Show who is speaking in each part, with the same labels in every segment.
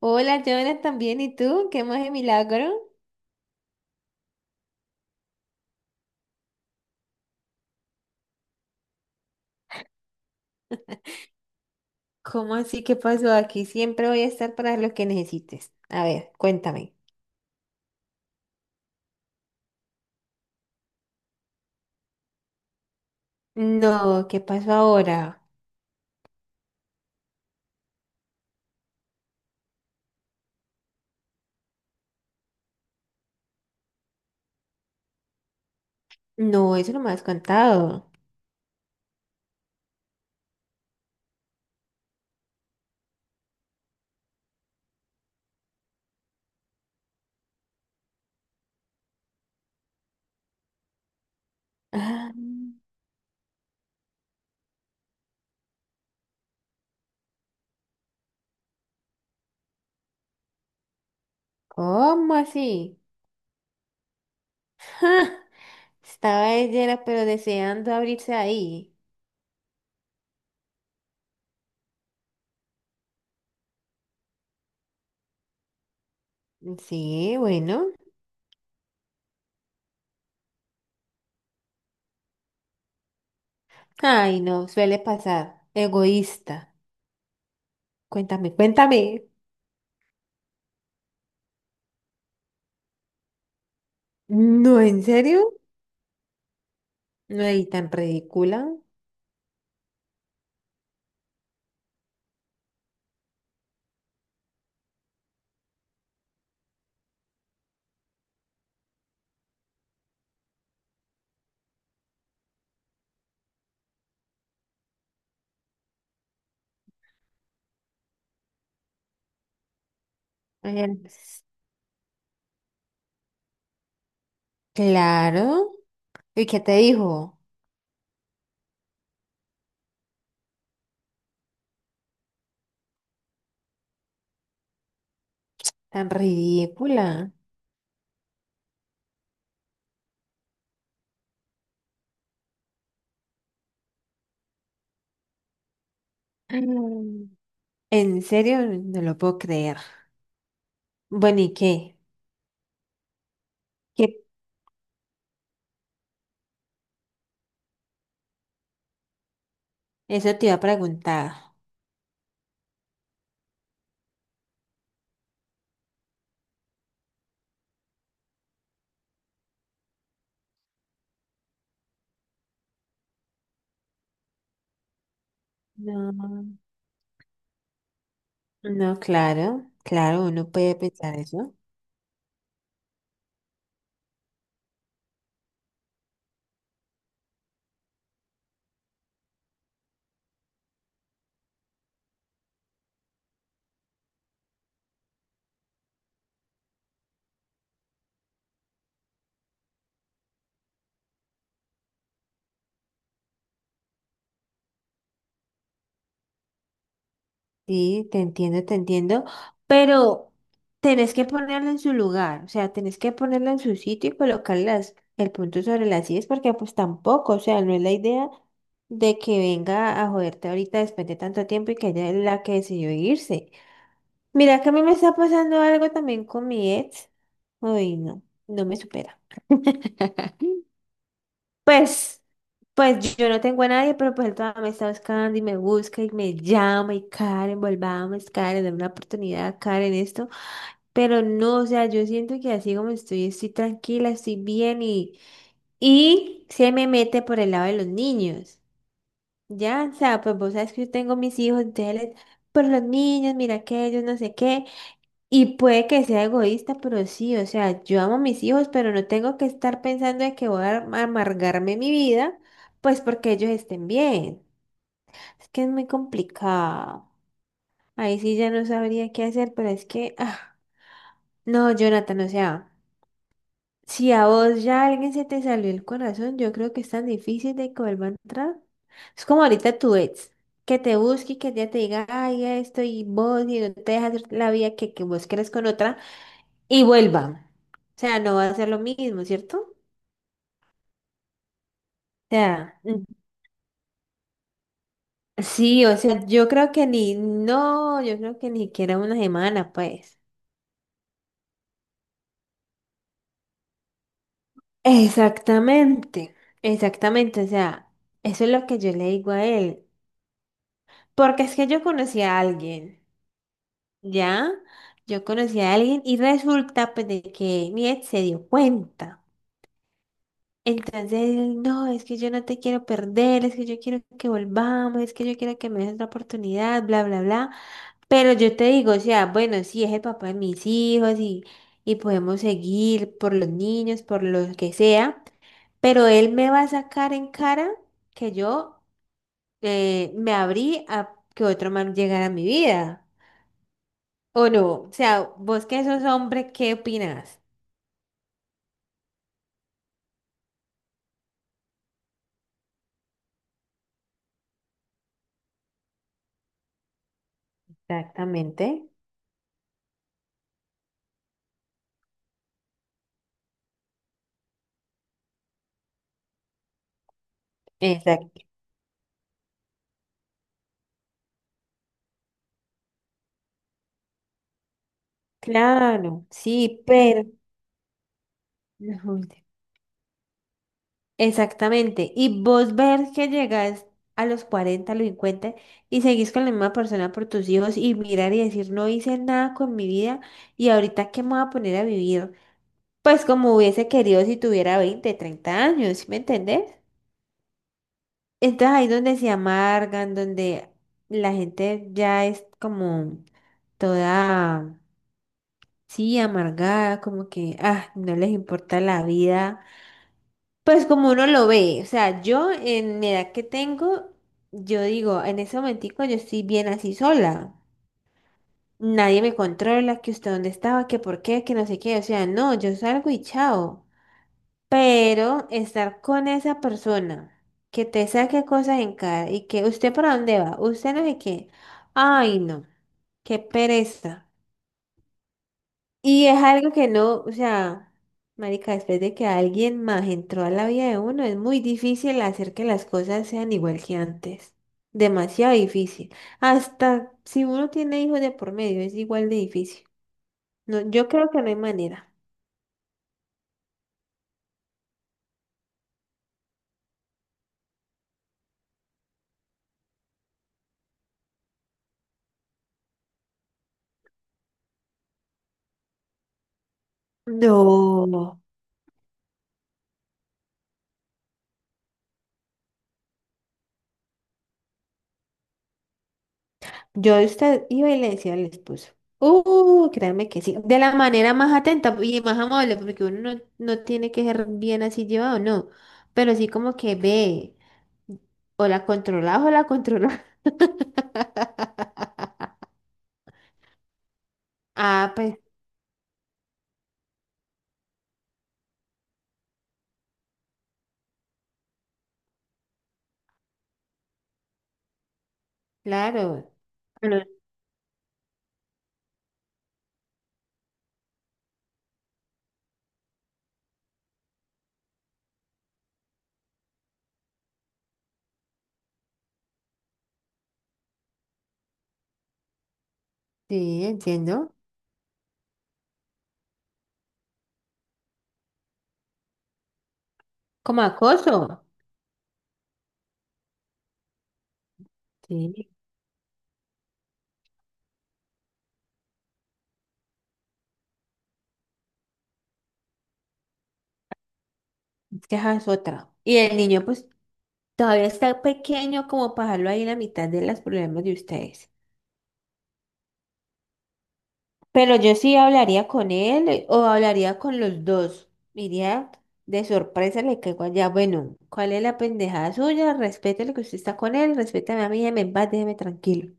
Speaker 1: Hola, Jonas, también. ¿Y tú? ¿Qué más de milagro? ¿Cómo así? ¿Qué pasó aquí? Siempre voy a estar para lo que necesites. A ver, cuéntame. No, ¿qué pasó ahora? No, eso no me has contado. Ah, ¿cómo así? ¡Ja! Estaba ella, era, pero deseando abrirse ahí. Sí, bueno. Ay, no, suele pasar. Egoísta. Cuéntame, cuéntame. No, ¿en serio? No, y tan ridícula. Ay, claro. ¿Y qué te dijo? Tan ridícula. Mm. En serio, no lo puedo creer. Bueno, ¿y qué? ¿Qué? Eso te iba a preguntar. No, no, claro, claro, uno puede pensar eso. Sí, te entiendo, pero tenés que ponerlo en su lugar, o sea, tenés que ponerlo en su sitio y colocarlas el punto sobre las sillas, porque pues tampoco, o sea, no es la idea de que venga a joderte ahorita después de tanto tiempo y que ella es la que decidió irse. Mira, que a mí me está pasando algo también con mi ex. Uy, no, no me supera. Pues, pues yo no tengo a nadie, pero pues él todavía me está buscando y me busca y me llama y Karen, volvamos, Karen, dame una oportunidad, Karen, esto. Pero no, o sea, yo siento que así como estoy, estoy tranquila, estoy bien y se me mete por el lado de los niños. Ya, o sea, pues vos sabes que yo tengo mis hijos, entonces, les- por los niños, mira que ellos no sé qué. Y puede que sea egoísta, pero sí, o sea, yo amo a mis hijos, pero no tengo que estar pensando en que voy a amargarme mi vida, pues porque ellos estén bien. Es que es muy complicado. Ahí sí ya no sabría qué hacer, pero es que, ah, no, Jonathan, o sea, si a vos ya alguien se te salió el corazón, yo creo que es tan difícil de que vuelva a entrar. Es como ahorita tu ex, que te busque y que ya te diga, ay, esto y vos, y no te dejas la vida que vos querés con otra. Y vuelva. O sea, no va a ser lo mismo, ¿cierto? O sea, mm, sí, o sea, yo creo que ni, no, yo creo que ni siquiera una semana, pues. Exactamente, exactamente, o sea, eso es lo que yo le digo a él, porque es que yo conocí a alguien, ¿ya? Yo conocí a alguien y resulta pues de que mi ex se dio cuenta. Entonces, él, no, es que yo no te quiero perder, es que yo quiero que volvamos, es que yo quiero que me des otra oportunidad, bla, bla, bla. Pero yo te digo, o sea, bueno, sí, es el papá de mis hijos y podemos seguir por los niños, por lo que sea, pero él me va a sacar en cara que yo me abrí a que otro man llegara a mi vida, ¿o no? O sea, vos que sos hombre, ¿qué opinas? Exactamente. Exacto. Claro, sí, pero... Exactamente. Y vos ver que llegas a los 40, a los 50 y seguís con la misma persona por tus hijos y mirar y decir, no hice nada con mi vida y ahorita qué me voy a poner a vivir. Pues como hubiese querido si tuviera 20, 30 años, ¿sí me entendés? Entonces ahí donde se amargan, donde la gente ya es como toda, sí, amargada, como que, ah, no les importa la vida. Pues como uno lo ve, o sea, yo en mi edad que tengo, yo digo, en ese momentico yo estoy bien así sola. Nadie me controla, que usted dónde estaba, que por qué, que no sé qué. O sea, no, yo salgo y chao. Pero estar con esa persona que te saque cosas en cara y que usted para dónde va, usted no sé qué. Ay, no, qué pereza. Y es algo que no, o sea, marica, después de que alguien más entró a la vida de uno, es muy difícil hacer que las cosas sean igual que antes. Demasiado difícil. Hasta si uno tiene hijos de por medio, es igual de difícil. No, yo creo que no hay manera. No. Yo iba y le decía al esposo. Créanme que sí. De la manera más atenta y más amable, porque uno no, no tiene que ser bien así llevado, no. Pero sí como que ve. O la controlás o la controlás. Ah, pues claro. Pero sí, entiendo. Como acoso. Sí, es que esa es otra. Y el niño, pues, todavía está pequeño como para dejarlo ahí en la mitad de los problemas de ustedes. Pero yo sí hablaría con él o hablaría con los dos. Iría de sorpresa, le caigo allá. Bueno, ¿cuál es la pendejada suya? Respete lo que usted está con él, respétame a mí, déjeme en paz, déjeme tranquilo.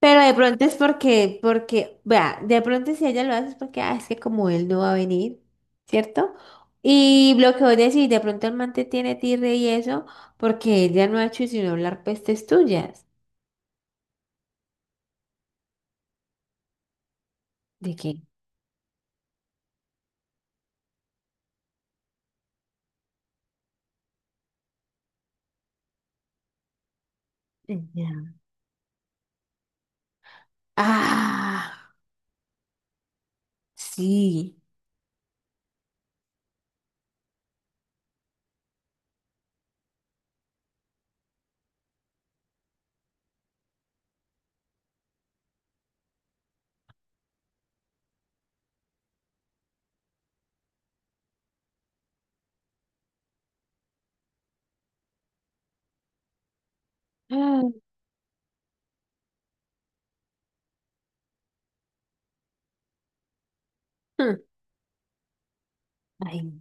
Speaker 1: Pero de pronto es porque, porque, vea, de pronto si ella lo hace es porque, ah, es que como él no va a venir, ¿cierto? Y lo que vos decís, de pronto el man te tiene tirre y eso, porque ella no ha hecho sino hablar pestes tuyas. ¿De qué? Ya. Ah, sí. Ah, hmm. Ay,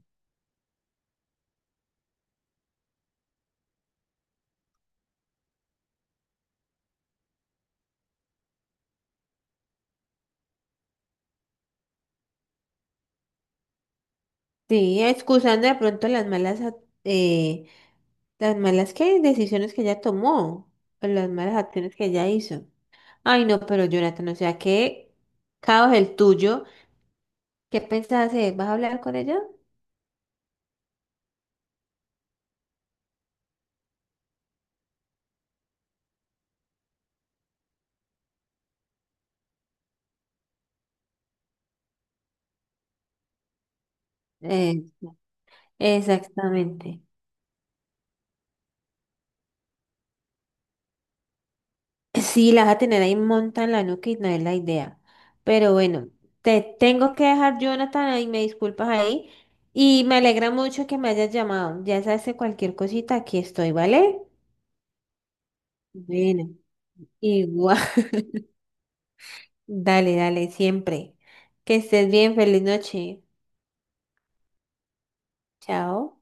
Speaker 1: sí, excusando de pronto las malas, las malas ¿qué? Decisiones que ella tomó, o las malas acciones que ella hizo. Ay, no, pero Jonathan, o sea, qué caos el tuyo. ¿Qué pensás hacer? ¿Vas a hablar con ella? Eh, exactamente. Sí, la vas a tener ahí monta en la nuca y no es la idea. Pero bueno, te tengo que dejar, Jonathan, ahí me disculpas ahí. Y me alegra mucho que me hayas llamado. Ya sabes, que cualquier cosita, aquí estoy, ¿vale? Bueno, igual. Dale, dale, siempre. Que estés bien, feliz noche. Chao.